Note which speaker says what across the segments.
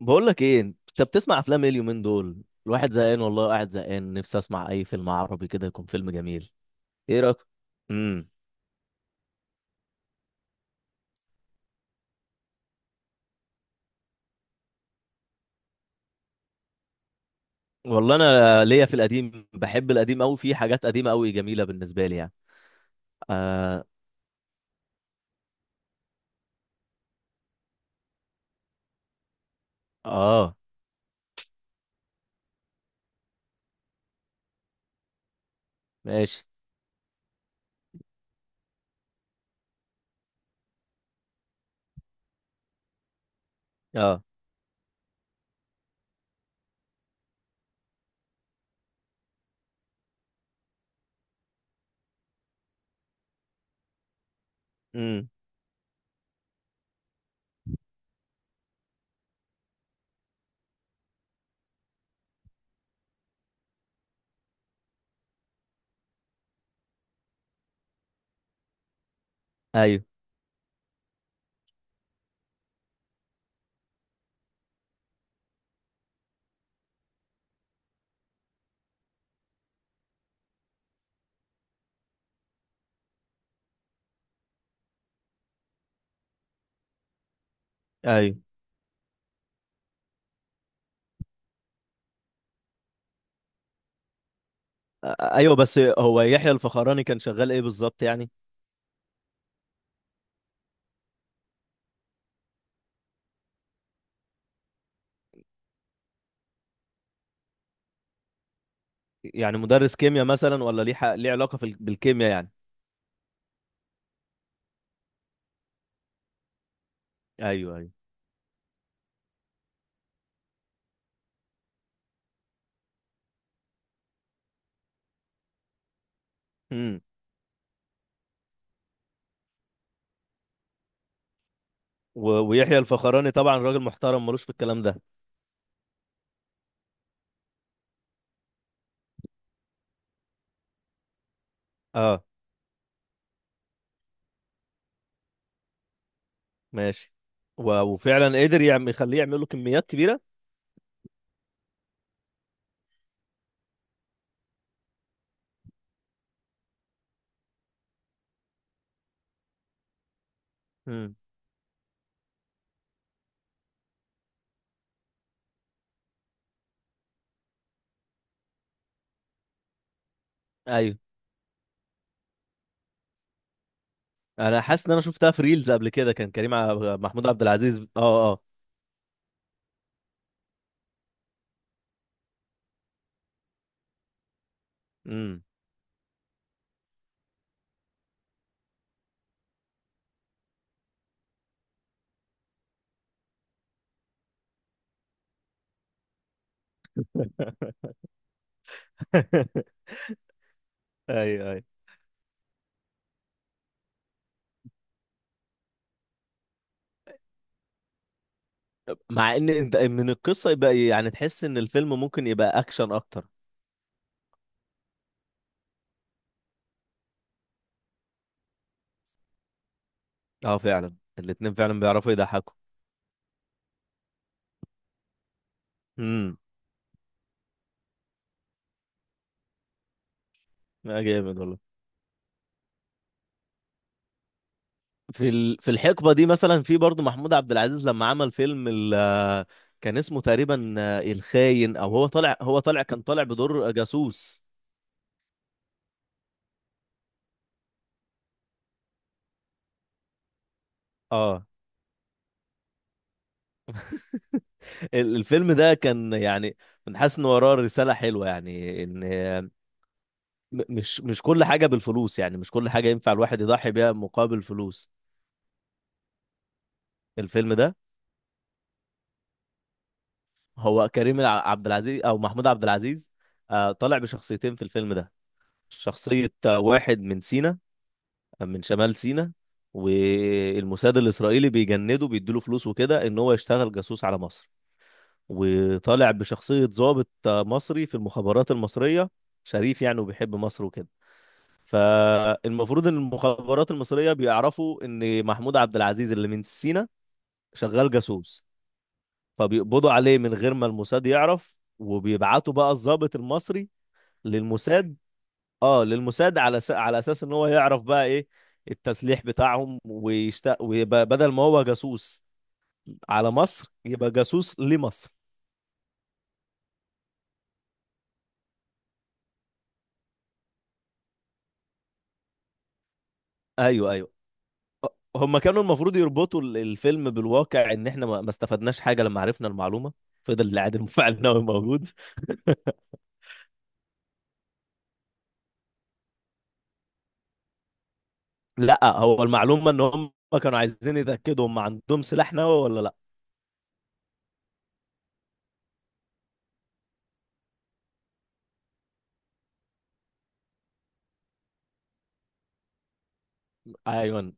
Speaker 1: بقول لك ايه، انت بتسمع افلام ايه اليومين دول؟ الواحد زهقان والله، قاعد زهقان، نفسي اسمع اي فيلم عربي كده يكون فيلم جميل. ايه رايك؟ امم والله انا ليا في القديم، بحب القديم قوي، في حاجات قديمه قوي جميله بالنسبه لي يعني. اه. اه. ماشي. اه. امم. ايوه، ايوه. آه، آه، ايوه، بس هو يحيى الفخراني كان شغال ايه بالظبط يعني؟ يعني مدرس كيمياء مثلا، ولا ليه ليه علاقه بالكيمياء يعني؟ ايوه، ايوه. امم. ويحيى الفخراني طبعا راجل محترم، ملوش في الكلام ده. اه. ماشي. وفعلا قدر يعمل يخليه يعمل له كميات كبيره. امم. ايوه. انا حاسس ان انا شفتها في ريلز قبل كده، كان محمود عبد العزيز. اه، اه. امم. ايوه، ايوه. مع ان انت من القصه يبقى يعني تحس ان الفيلم ممكن يبقى اكشن اكتر. اه، فعلا الاتنين فعلا بيعرفوا يضحكوا. امم. لا، جامد والله. في الحقبه دي مثلا، في برضو محمود عبد العزيز لما عمل فيلم ال... آه، كان اسمه تقريبا الخاين، او هو طالع كان طالع بدور جاسوس. اه. الفيلم ده كان يعني، من حاسس ان وراه رسالة حلوة يعني، ان مش كل حاجة بالفلوس، يعني مش كل حاجة ينفع الواحد يضحي بيها مقابل فلوس. الفيلم ده، هو كريم عبد العزيز او محمود عبد العزيز طالع بشخصيتين في الفيلم ده. شخصية واحد من سينا، من شمال سينا. والموساد الإسرائيلي بيجنده، بيديله فلوس وكده، ان هو يشتغل جاسوس على مصر. وطالع بشخصية ضابط مصري في المخابرات المصرية، شريف يعني، وبيحب مصر وكده. فالمفروض ان المخابرات المصريه بيعرفوا ان محمود عبد العزيز اللي من سينا شغال جاسوس. فبيقبضوا عليه من غير ما الموساد يعرف، وبيبعتوا بقى الضابط المصري للموساد. اه، للموساد، على على اساس ان هو يعرف بقى ايه التسليح بتاعهم، ويبقى بدل ما هو جاسوس على مصر، يبقى جاسوس لمصر. ايوه، ايوه. هم كانوا المفروض يربطوا الفيلم بالواقع، ان احنا ما استفدناش حاجه لما عرفنا المعلومه. فضل العادل المفاعل النووي موجود. لا، هو المعلومة ان هم كانوا عايزين يتأكدوا هم عندهم سلاح نووي ولا لا. ايوه.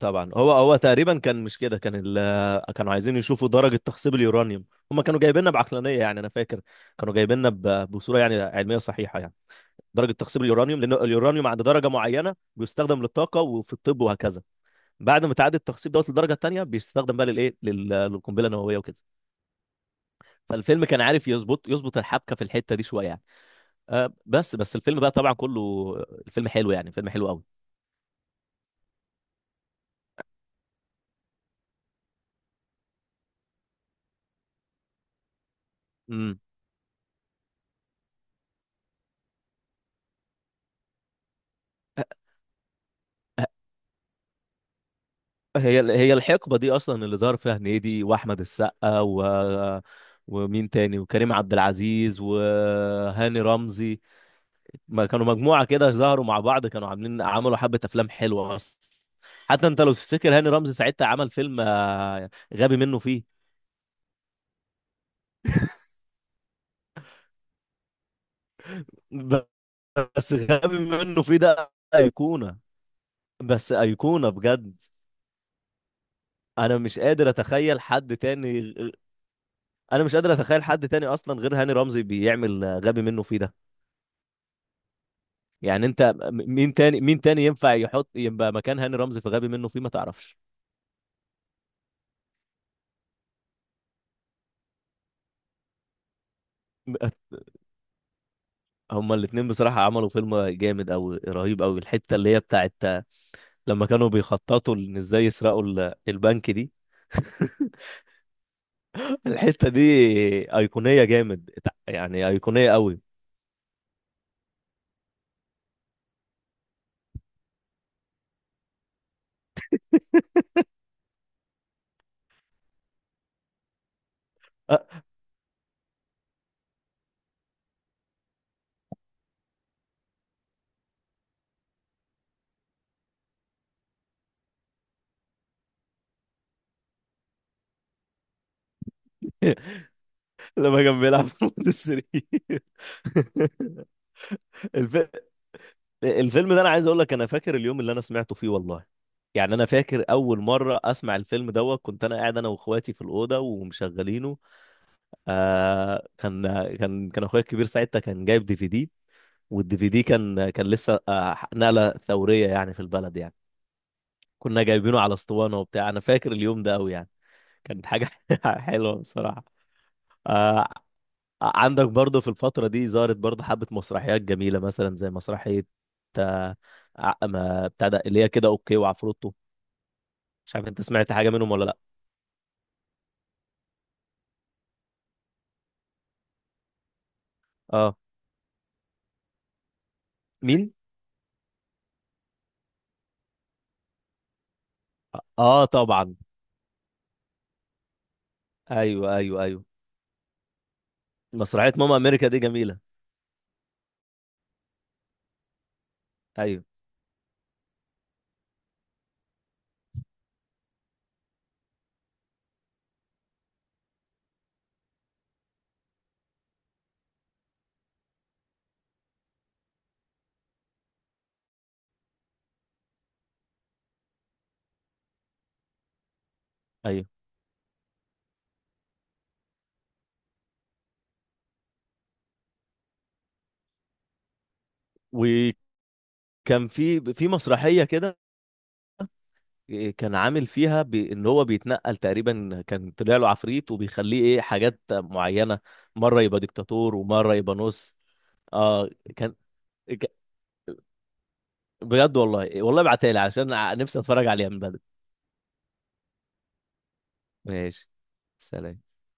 Speaker 1: طبعا هو تقريبا كان مش كده، كانوا عايزين يشوفوا درجة تخصيب اليورانيوم. هم كانوا جايبيننا بعقلانية يعني، انا فاكر كانوا جايبيننا بصورة يعني علمية صحيحة يعني. درجة تخصيب اليورانيوم، لان اليورانيوم عند درجة معينة بيستخدم للطاقة وفي الطب وهكذا. بعد ما تعدي التخصيب دوت للدرجة التانية، بيستخدم بقى للايه للقنبلة النووية وكده. فالفيلم كان عارف يظبط الحبكة في الحتة دي شوية يعني. بس الفيلم بقى طبعا كله، الفيلم حلو يعني، فيلم حلو قوي. امم. هي الحقبه دي اصلا اللي ظهر فيها هنيدي، واحمد السقا، ومين تاني، وكريم عبد العزيز وهاني رمزي. ما كانوا مجموعه كده، ظهروا مع بعض، كانوا عملوا حبه افلام حلوه اصلا. حتى انت لو تفتكر، هاني رمزي ساعتها عمل فيلم غبي منه فيه. ب- بس غبي منه فيه ده ايقونه، بس ايقونه بجد. انا مش قادر اتخيل حد تاني. انا مش قادر اتخيل حد تاني اصلا غير هاني رمزي بيعمل غبي منه فيه ده. يعني انت مين تاني ينفع يحط يبقى مكان هاني رمزي في غبي منه فيه، ما تعرفش؟ هما الاتنين بصراحة عملوا فيلم جامد أوي، رهيب أوي. الحتة اللي هي بتاعت لما كانوا بيخططوا إن إزاي يسرقوا البنك دي. الحتة دي أيقونية جامد، يعني أيقونية أوي. لما كان بيلعب في السرير. الفيلم ده انا عايز اقول لك، انا فاكر اليوم اللي انا سمعته فيه والله. يعني انا فاكر اول مره اسمع الفيلم دوت، كنت انا قاعد انا واخواتي في الاوضه ومشغلينه. آه كان كان اخويا الكبير ساعتها كان جايب DVD. والدي في دي كان لسه نقله ثوريه يعني في البلد يعني. كنا جايبينه على اسطوانه وبتاع، انا فاكر اليوم ده قوي يعني، كانت حاجه حلوه بصراحه. آه عندك برضه في الفترة دي، ظهرت برضه حبة مسرحيات جميلة، مثلا زي مسرحية آه، ما بتاع ده اللي هي كده اوكي وعفروتو. مش عارف انت سمعت حاجة منهم ولا لا. اه. مين؟ اه، طبعا. ايوه، ايوه، ايوه. مسرحية ماما امريكا دي جميلة. ايوه، ايوه. وكان في مسرحية كده، كان عامل فيها بان هو بيتنقل تقريبا، كان طلع له عفريت وبيخليه ايه حاجات معينة. مرة يبقى دكتاتور، ومرة يبقى نص. اه. كان بجد، والله والله ابعتها لي، عشان نفسي اتفرج عليها من بدري. ماشي. سلام.